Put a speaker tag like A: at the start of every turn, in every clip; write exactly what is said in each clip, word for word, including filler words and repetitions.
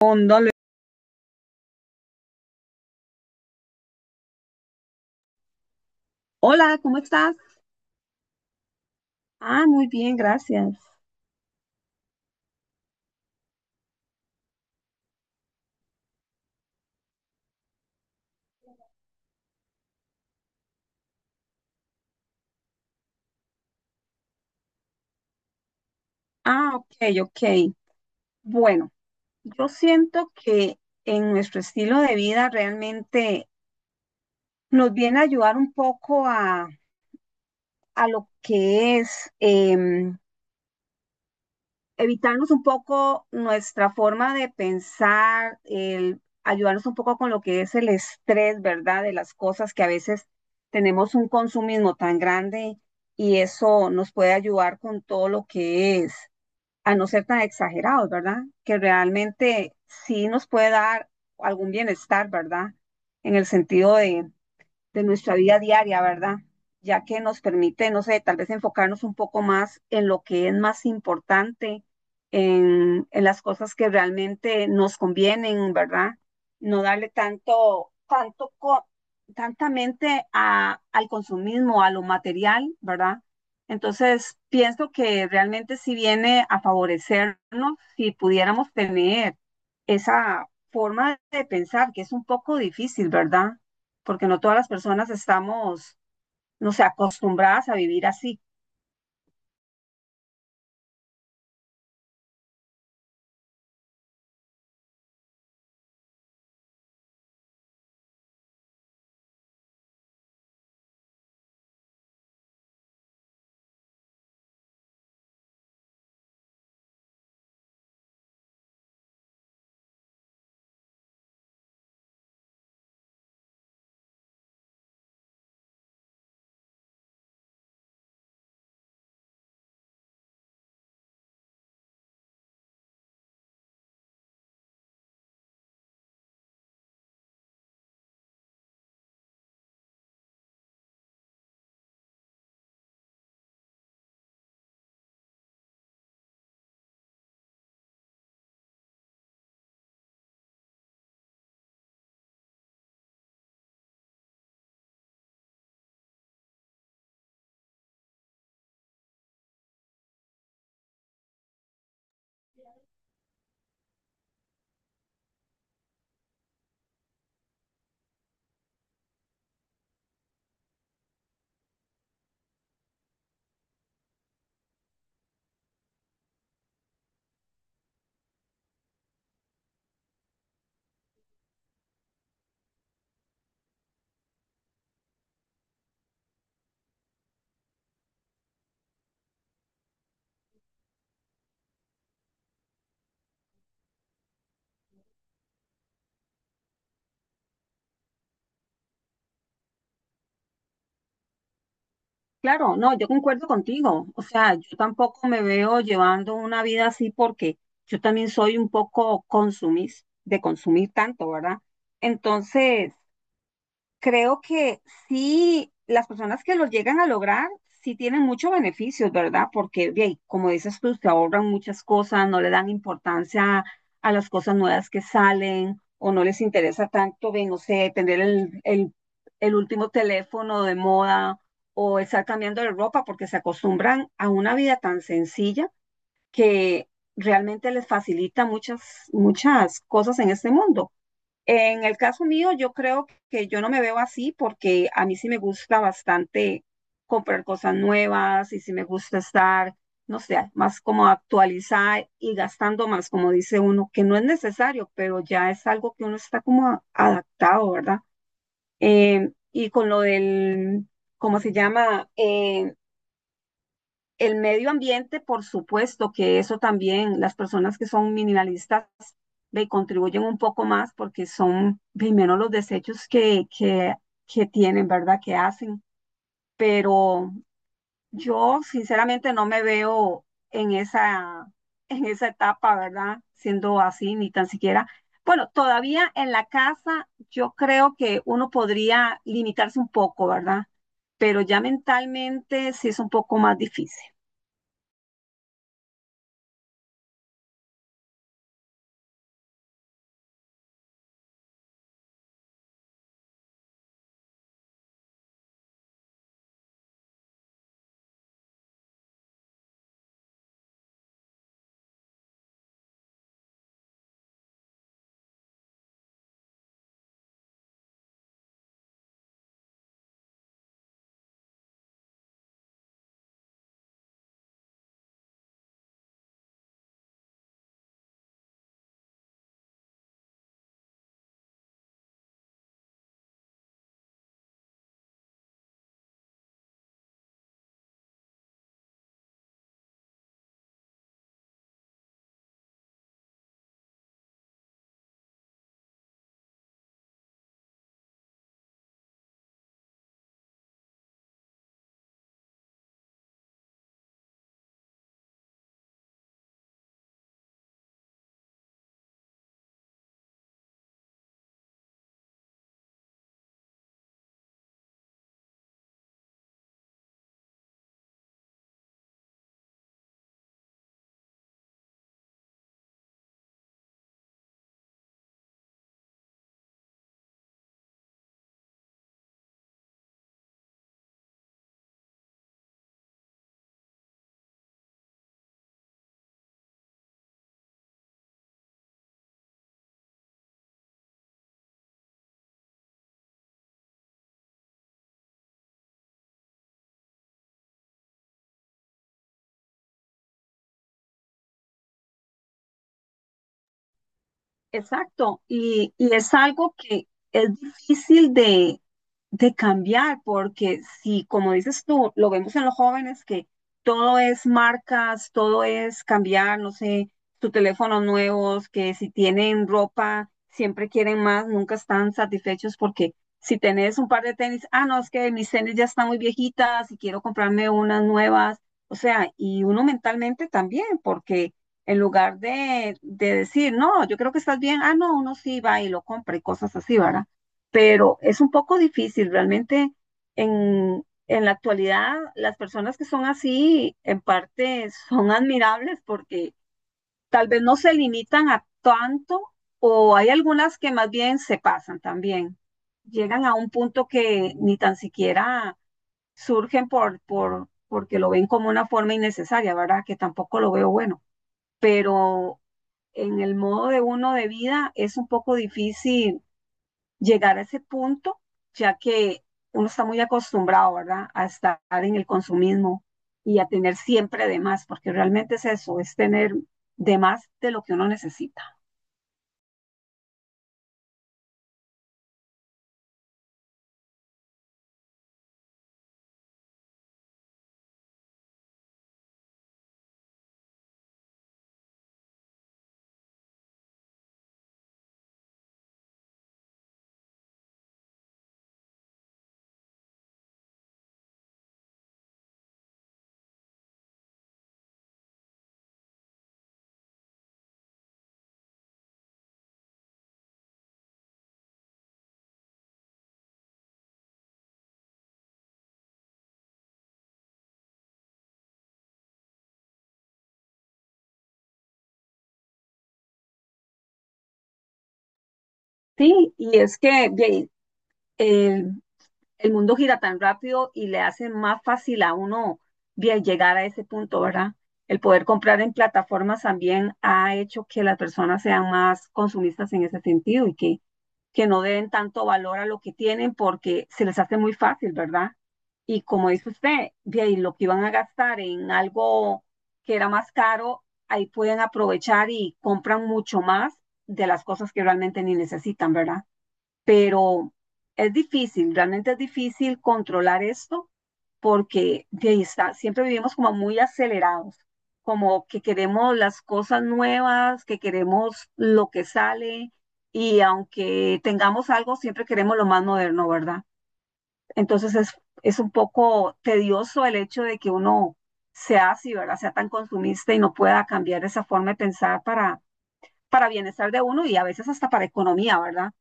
A: Póndale. Hola, ¿cómo estás? Ah, muy bien, gracias. Ah, ok, ok. Bueno, yo siento que en nuestro estilo de vida realmente nos viene a ayudar un poco a, a lo que es em, evitarnos un poco nuestra forma de pensar, el ayudarnos un poco con lo que es el estrés, ¿verdad? De las cosas que a veces tenemos un consumismo tan grande y eso nos puede ayudar con todo lo que es, a no ser tan exagerados, ¿verdad? Que realmente sí nos puede dar algún bienestar, ¿verdad? En el sentido de, de nuestra vida diaria, ¿verdad? Ya que nos permite, no sé, tal vez enfocarnos un poco más en lo que es más importante, en, en las cosas que realmente nos convienen, ¿verdad? No darle tanto, tanto, co- tanta mente a, al consumismo, a lo material, ¿verdad? Entonces, pienso que realmente sí viene a favorecernos si pudiéramos tener esa forma de pensar, que es un poco difícil, ¿verdad? Porque no todas las personas estamos, no sé, acostumbradas a vivir así. Claro, no, yo concuerdo contigo. O sea, yo tampoco me veo llevando una vida así porque yo también soy un poco consumis, de consumir tanto, ¿verdad? Entonces, creo que sí, las personas que los llegan a lograr, sí tienen muchos beneficios, ¿verdad? Porque, bien, como dices tú, se ahorran muchas cosas, no le dan importancia a las cosas nuevas que salen o no les interesa tanto, bien, no sé, tener el, el, el último teléfono de moda o estar cambiando de ropa porque se acostumbran a una vida tan sencilla que realmente les facilita muchas, muchas cosas en este mundo. En el caso mío, yo creo que yo no me veo así porque a mí sí me gusta bastante comprar cosas nuevas y sí me gusta estar, no sé, más como actualizar y gastando más, como dice uno, que no es necesario, pero ya es algo que uno está como a- adaptado, ¿verdad? Eh, y con lo del, ¿cómo se llama? Eh, el medio ambiente, por supuesto que eso también, las personas que son minimalistas ve, contribuyen un poco más porque son ve, menos los desechos que, que, que tienen, ¿verdad? Que hacen. Pero yo sinceramente no me veo en esa, en esa etapa, ¿verdad? Siendo así, ni tan siquiera. Bueno, todavía en la casa yo creo que uno podría limitarse un poco, ¿verdad? Pero ya mentalmente sí es un poco más difícil. Exacto, y, y es algo que es difícil de, de cambiar, porque si, como dices tú, lo vemos en los jóvenes que todo es marcas, todo es cambiar, no sé, tu teléfono nuevos, que si tienen ropa, siempre quieren más, nunca están satisfechos porque si tenés un par de tenis, ah, no, es que mis tenis ya están muy viejitas y quiero comprarme unas nuevas. O sea, y uno mentalmente también, porque en lugar de, de decir, no, yo creo que estás bien, ah, no, uno sí va y lo compra y cosas así, ¿verdad? Pero es un poco difícil, realmente en, en la actualidad las personas que son así en parte son admirables porque tal vez no se limitan a tanto o hay algunas que más bien se pasan también. Llegan a un punto que ni tan siquiera surgen por, por, porque lo ven como una forma innecesaria, ¿verdad? Que tampoco lo veo bueno. Pero en el modo de uno de vida es un poco difícil llegar a ese punto, ya que uno está muy acostumbrado, ¿verdad?, a estar en el consumismo y a tener siempre de más, porque realmente es eso, es tener de más de lo que uno necesita. Sí, y es que bien, el el mundo gira tan rápido y le hace más fácil a uno bien llegar a ese punto, ¿verdad? El poder comprar en plataformas también ha hecho que las personas sean más consumistas en ese sentido y que, que no den tanto valor a lo que tienen porque se les hace muy fácil, ¿verdad? Y como dice usted, bien, y lo que iban a gastar en algo que era más caro, ahí pueden aprovechar y compran mucho más de las cosas que realmente ni necesitan, ¿verdad? Pero es difícil, realmente es difícil controlar esto porque de ahí está, siempre vivimos como muy acelerados, como que queremos las cosas nuevas, que queremos lo que sale y aunque tengamos algo, siempre queremos lo más moderno, ¿verdad? Entonces es, es un poco tedioso el hecho de que uno sea así, ¿verdad? Sea tan consumista y no pueda cambiar esa forma de pensar para, para bienestar de uno y a veces hasta para economía, ¿verdad?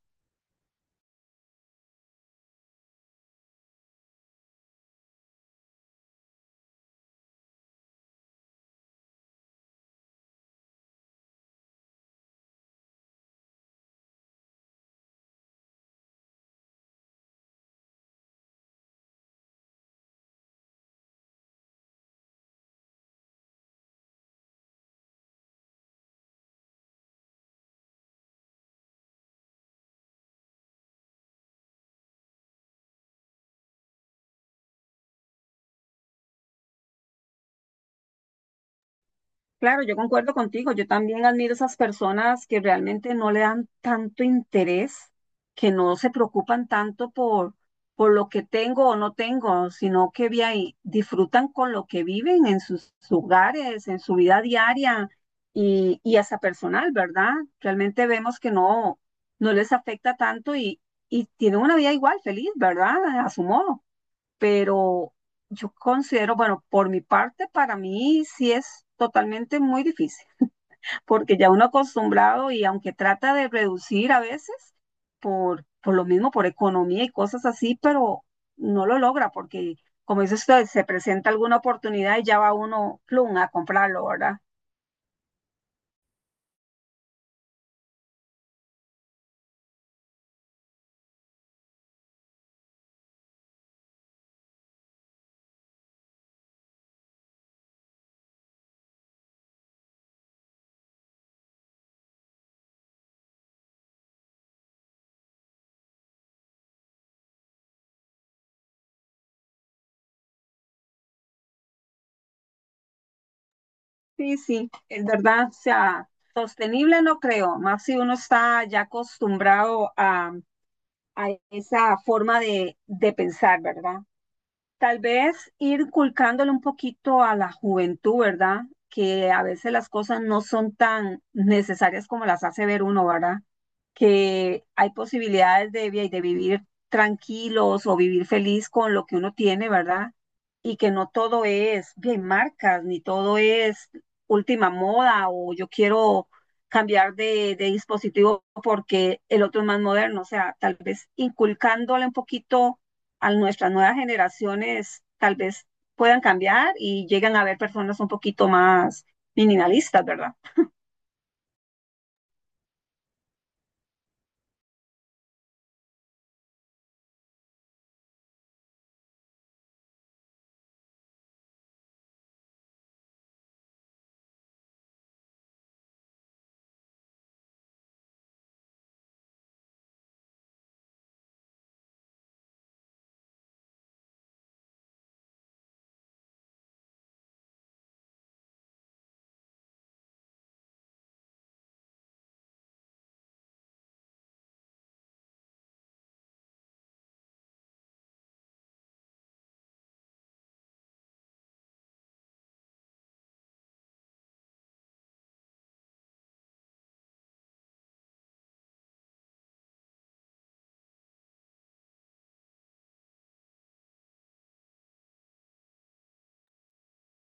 A: Claro, yo concuerdo contigo. Yo también admiro esas personas que realmente no le dan tanto interés, que no se preocupan tanto por, por lo que tengo o no tengo, sino que vi ahí, disfrutan con lo que viven en sus hogares, en su vida diaria y, y hasta personal, ¿verdad? Realmente vemos que no, no les afecta tanto y, y tienen una vida igual, feliz, ¿verdad? A su modo, pero yo considero, bueno, por mi parte, para mí sí es totalmente muy difícil, porque ya uno acostumbrado y aunque trata de reducir a veces, por, por lo mismo, por economía y cosas así, pero no lo logra porque, como dice usted, se presenta alguna oportunidad y ya va uno, plum, a comprarlo, ¿verdad? Sí, sí, es verdad, o sea, sostenible no creo, más si uno está ya acostumbrado a, a esa forma de, de pensar, ¿verdad? Tal vez ir inculcándole un poquito a la juventud, ¿verdad? Que a veces las cosas no son tan necesarias como las hace ver uno, ¿verdad? Que hay posibilidades de, vi- de vivir tranquilos o vivir feliz con lo que uno tiene, ¿verdad? Y que no todo es bien marcas, ni todo es última moda o yo quiero cambiar de, de dispositivo porque el otro es más moderno. O sea, tal vez inculcándole un poquito a nuestras nuevas generaciones tal vez puedan cambiar y llegan a ver personas un poquito más minimalistas, ¿verdad?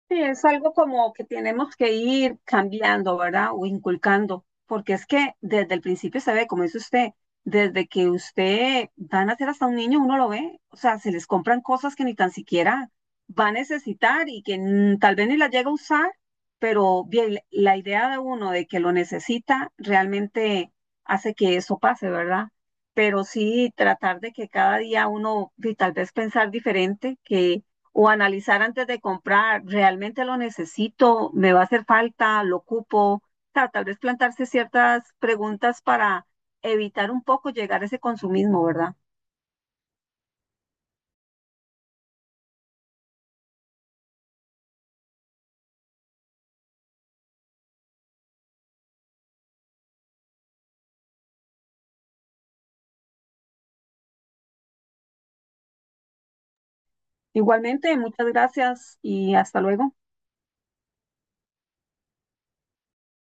A: Sí, es algo como que tenemos que ir cambiando, ¿verdad? O inculcando, porque es que desde el principio se ve, como dice usted, desde que usted va a ser hasta un niño, uno lo ve, o sea, se les compran cosas que ni tan siquiera va a necesitar y que mm, tal vez ni las llega a usar, pero bien, la idea de uno de que lo necesita realmente hace que eso pase, ¿verdad? Pero sí tratar de que cada día uno, y tal vez pensar diferente, que o analizar antes de comprar, ¿realmente lo necesito? ¿Me va a hacer falta? ¿Lo ocupo? Ta- Tal vez plantarse ciertas preguntas para evitar un poco llegar a ese consumismo, ¿verdad? Igualmente, muchas gracias y hasta luego.